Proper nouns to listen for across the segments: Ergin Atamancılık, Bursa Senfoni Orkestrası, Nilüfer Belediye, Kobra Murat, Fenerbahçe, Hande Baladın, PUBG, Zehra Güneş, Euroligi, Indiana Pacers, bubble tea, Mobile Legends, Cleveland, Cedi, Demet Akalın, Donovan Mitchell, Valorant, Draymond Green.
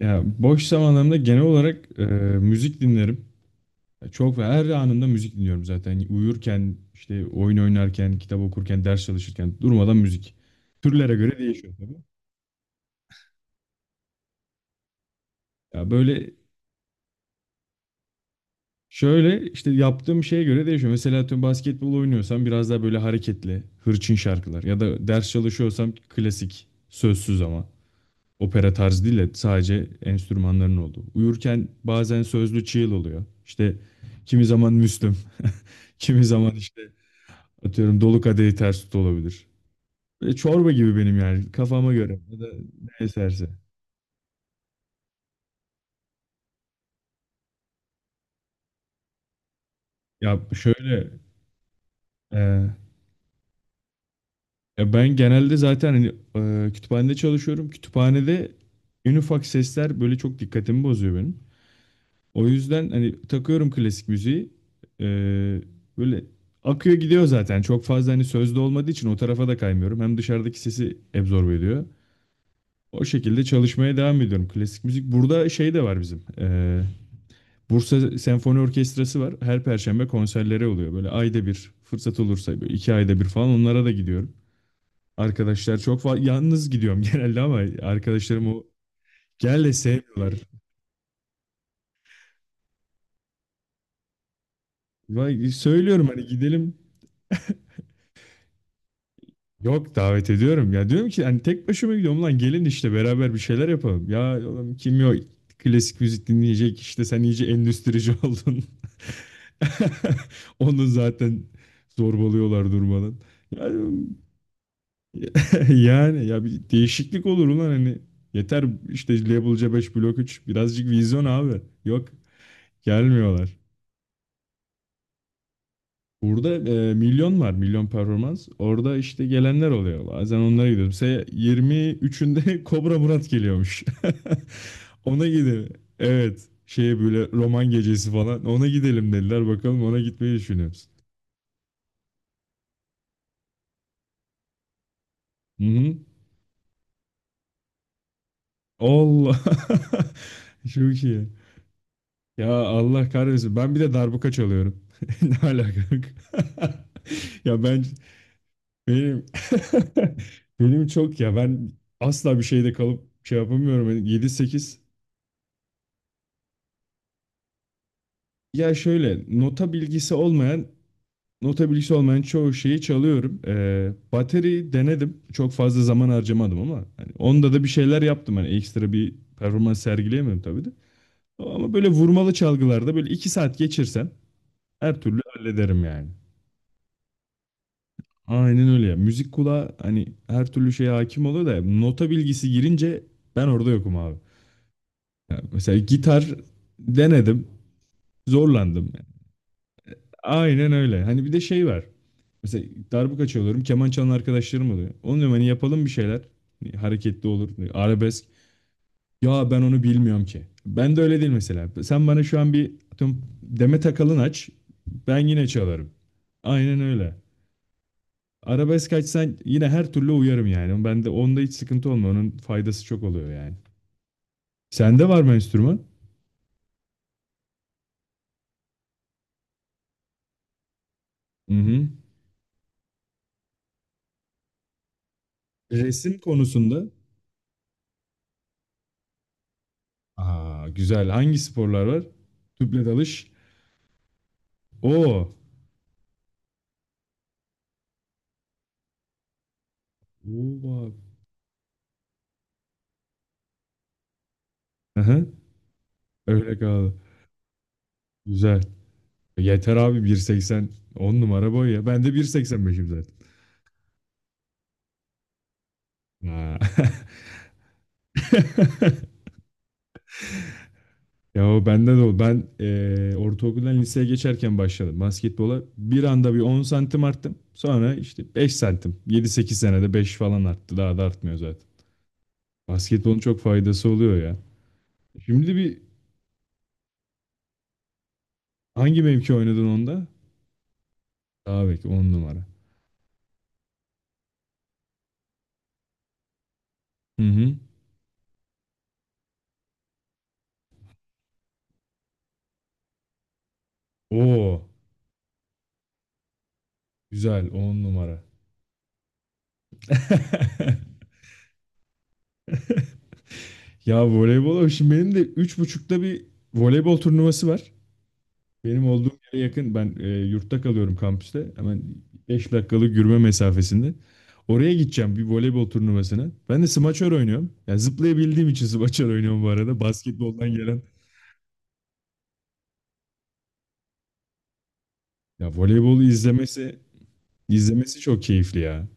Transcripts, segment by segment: Ya boş zamanlarımda genel olarak müzik dinlerim. Ya çok ve her anında müzik dinliyorum zaten. Uyurken, işte oyun oynarken, kitap okurken, ders çalışırken durmadan müzik. Türlere göre değişiyor tabii. Ya böyle şöyle işte yaptığım şeye göre değişiyor. Mesela atıyorum basketbol oynuyorsam biraz daha böyle hareketli, hırçın şarkılar ya da ders çalışıyorsam klasik, sözsüz ama. Opera tarzı değil de sadece enstrümanların olduğu. Uyurken bazen sözlü çığıl oluyor. İşte kimi zaman Müslüm, kimi zaman işte atıyorum Dolu Kadehi Ters Tut olabilir. Böyle çorba gibi benim yani kafama göre ya da ne eserse. Ya şöyle e, ya ben genelde zaten hani, kütüphanede çalışıyorum. Kütüphanede en ufak sesler böyle çok dikkatimi bozuyor benim. O yüzden hani takıyorum klasik müziği. Ee, Böyle akıyor gidiyor zaten. Çok fazla hani sözde olmadığı için o tarafa da kaymıyorum. Hem dışarıdaki sesi absorbe ediyor. O şekilde çalışmaya devam ediyorum. Klasik müzik. Burada şey de var bizim. Bursa Senfoni Orkestrası var. Her perşembe konserleri oluyor. Böyle ayda bir fırsat olursa böyle 2 ayda bir falan onlara da gidiyorum. Arkadaşlar çok yalnız gidiyorum genelde ama arkadaşlarım o gel de sevmiyorlar. Vay, söylüyorum hani gidelim. Yok, davet ediyorum ya, diyorum ki hani tek başıma gidiyorum lan, gelin işte beraber bir şeyler yapalım. Ya oğlum, kim yok klasik müzik dinleyecek, işte sen iyice endüstrici oldun. Onu zaten zorbalıyorlar durmadan. Yani, yani ya bir değişiklik olur ulan, hani yeter işte, Label C5 Blok üç, birazcık vizyon abi. Yok, gelmiyorlar. Burada milyon var, milyon performans. Orada işte gelenler oluyor. Bazen onlara gidiyorum. Mesela 23'ünde Kobra Murat geliyormuş. Ona gidelim. Evet. Şeye böyle roman gecesi falan. Ona gidelim dediler. Bakalım, ona gitmeyi düşünüyoruz. Hı hı. Allah. Çok iyi. Ya Allah kahretsin. Ben bir de darbuka çalıyorum. Ne alaka? Ya ben Benim benim çok ya ben asla bir şeyde kalıp şey yapamıyorum. Yani 7-8 ya şöyle nota bilgisi olmayan çoğu şeyi çalıyorum. Bateri denedim. Çok fazla zaman harcamadım ama hani onda da bir şeyler yaptım. Hani ekstra bir performans sergileyemem tabii de. Ama böyle vurmalı çalgılarda böyle 2 saat geçirsem her türlü hallederim yani. Aynen öyle ya. Müzik kulağı hani her türlü şeye hakim oluyor da nota bilgisi girince ben orada yokum abi. Ya mesela gitar denedim, zorlandım yani. Aynen öyle. Hani bir de şey var. Mesela darbuka çalıyorum, keman çalan arkadaşlarım oluyor. Onu diyorum hani yapalım bir şeyler. Hani hareketli olur, hani arabesk. Ya ben onu bilmiyorum ki. Ben de öyle değil mesela. Sen bana şu an bir atıyorum, Demet Akalın aç, ben yine çalarım. Aynen öyle. Arabesk açsan yine her türlü uyarım yani. Ben de onda hiç sıkıntı olmuyor. Onun faydası çok oluyor yani. Sende var mı enstrüman? Hı hı. Resim konusunda. Aa, güzel. Hangi sporlar var? Tüple dalış. Oo. Oo abi. Hı. Öyle kaldı. Güzel. Yeter abi, 1.80. 10 numara boy ya. Ben de 1.85'im zaten. Ha. Ya o bende de o. Ben ortaokuldan liseye geçerken başladım basketbola. Bir anda bir 10 santim arttım. Sonra işte 5 santim. 7-8 senede 5 falan arttı. Daha da artmıyor zaten. Basketbolun çok faydası oluyor ya. Şimdi bir hangi mevki oynadın onda? Daha belki 10 numara. Hı hı. Oo, güzel 10 numara. Ya voleybola, şimdi benim de 3.30'da bir voleybol turnuvası var. Benim olduğum yere yakın. Ben yurtta kalıyorum kampüste. Hemen 5 dakikalık yürüme mesafesinde. Oraya gideceğim bir voleybol turnuvasına. Ben de smaçör oynuyorum. Yani zıplayabildiğim için smaçör oynuyorum bu arada. Basketboldan gelen. Ya voleybolu izlemesi çok keyifli ya.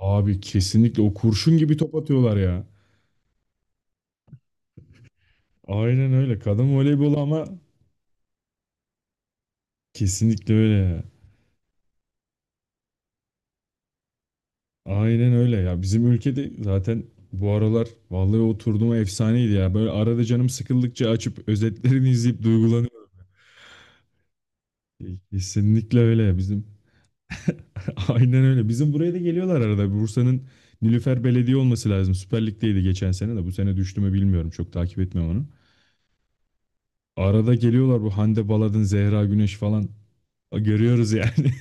Abi kesinlikle, o kurşun gibi top atıyorlar ya. Aynen öyle. Kadın voleybolu ama kesinlikle öyle ya. Aynen öyle ya. Bizim ülkede zaten bu aralar vallahi oturduğuma efsaneydi ya. Böyle arada canım sıkıldıkça açıp özetlerini izleyip duygulanıyorum. Kesinlikle öyle ya bizim. Aynen öyle. Bizim buraya da geliyorlar arada. Bursa'nın Nilüfer Belediye olması lazım. Süper Lig'deydi geçen sene de. Bu sene düştü mü bilmiyorum. Çok takip etmiyorum onu. Arada geliyorlar, bu Hande Baladın, Zehra Güneş falan. Görüyoruz yani.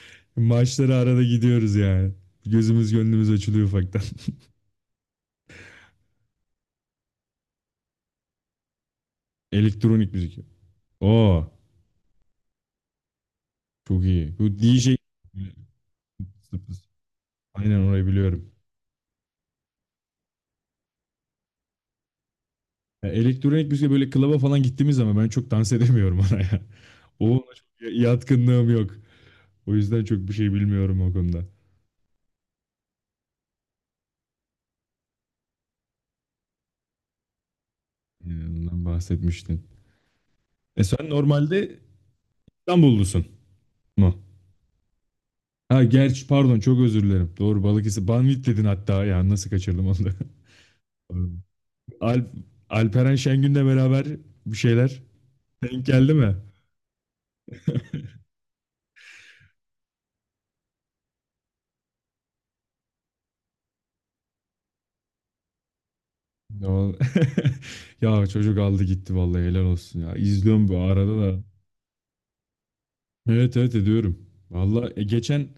Maçlara arada gidiyoruz yani. Gözümüz gönlümüz açılıyor ufaktan. Elektronik müzik. Aa, çok iyi. Bu DJ. Aynen, orayı biliyorum. Ya elektronik müzik, böyle klaba falan gittiğimiz zaman ben çok dans edemiyorum oraya. O çok yatkınlığım yok. O yüzden çok bir şey bilmiyorum o konuda. Yani ondan bahsetmiştin. E sen normalde İstanbullusun mu? Ha, gerçi pardon, çok özür dilerim. Doğru, Balıkesir. Banvit dedin hatta ya, nasıl kaçırdım onu da. Alp, Alperen Şengün'le beraber bir şeyler denk geldi mi? Ne ol- Ya çocuk aldı gitti vallahi, helal olsun ya. İzliyorum bu arada da. Evet, evet ediyorum. Vallahi geçen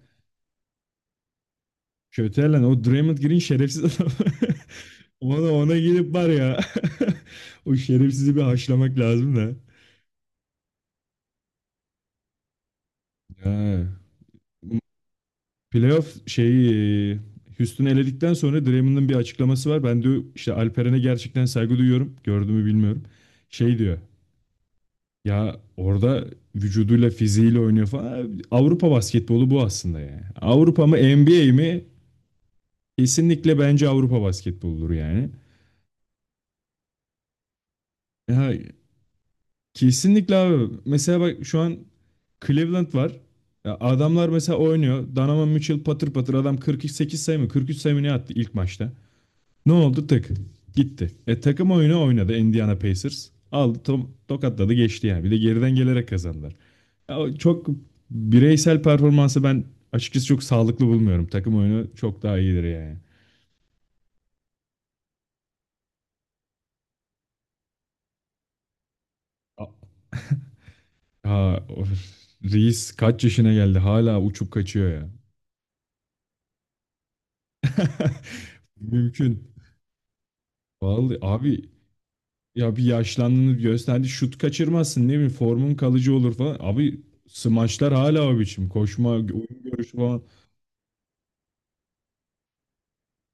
Kötelen o Draymond Green şerefsiz adam. Ona gelip var ya. O şerefsizi bir haşlamak lazım da. Ya. Playoff şeyi, Houston'ı eledikten sonra Draymond'ın bir açıklaması var. Ben diyor işte Alperen'e gerçekten saygı duyuyorum. Gördüğümü bilmiyorum. Şey diyor. Ya orada vücuduyla fiziğiyle oynuyor falan. Avrupa basketbolu bu aslında yani. Avrupa mı NBA mi? Kesinlikle bence Avrupa basketboludur yani. Ya kesinlikle abi. Mesela bak şu an Cleveland var. Ya adamlar mesela oynuyor. Donovan Mitchell patır patır adam, 48 sayı mı, 43 sayı mı ne attı ilk maçta. Ne oldu? Tık. Gitti. Takım oyunu oynadı Indiana Pacers. Aldı tokatladı geçti yani. Bir de geriden gelerek kazandılar. Ya o çok bireysel performansı ben açıkçası çok sağlıklı bulmuyorum. Takım oyunu çok daha iyidir yani. A- Ha, of. Reis kaç yaşına geldi, hala uçup kaçıyor ya. Mümkün. Vallahi abi, ya bir yaşlandığını gösterdi. Şut kaçırmazsın ne bileyim, formun kalıcı olur falan. Abi smaçlar hala o biçim. Koşma, oyun görüşü falan.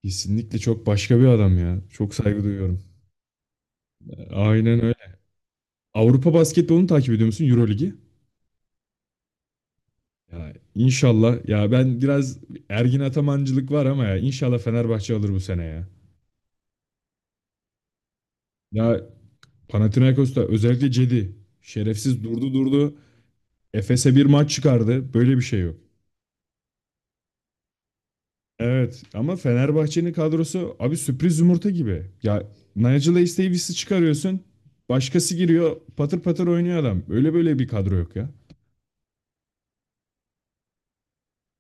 Kesinlikle çok başka bir adam ya. Çok saygı duyuyorum. Aynen öyle. Avrupa basketbolunu takip ediyor musun? Euroligi? Ya inşallah. Ya ben biraz Ergin Atamancılık var ama ya inşallah Fenerbahçe alır bu sene ya. Ya Panathinaikos'ta özellikle Cedi şerefsiz durdu durdu. Efes'e bir maç çıkardı. Böyle bir şey yok. Evet ama Fenerbahçe'nin kadrosu abi sürpriz yumurta gibi. Ya Nigel Davis'i çıkarıyorsun. Başkası giriyor, patır patır oynuyor adam. Öyle böyle bir kadro yok ya.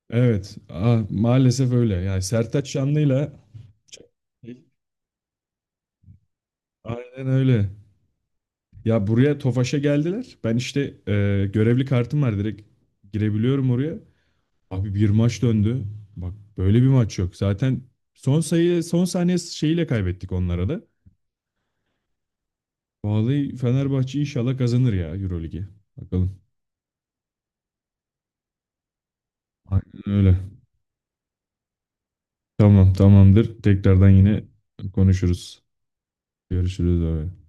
Evet, maalesef öyle. Yani Sertaç Şanlı'yla aynen öyle. Ya buraya Tofaş'a geldiler. Ben işte görevli kartım var, direkt girebiliyorum oraya. Abi bir maç döndü. Bak, böyle bir maç yok. Zaten son sayı son saniye şeyiyle kaybettik onlara da. Vallahi Fenerbahçe inşallah kazanır ya Euroligi. Bakalım. Aynen öyle. Tamam, tamamdır. Tekrardan yine konuşuruz. Görüşürüz abi.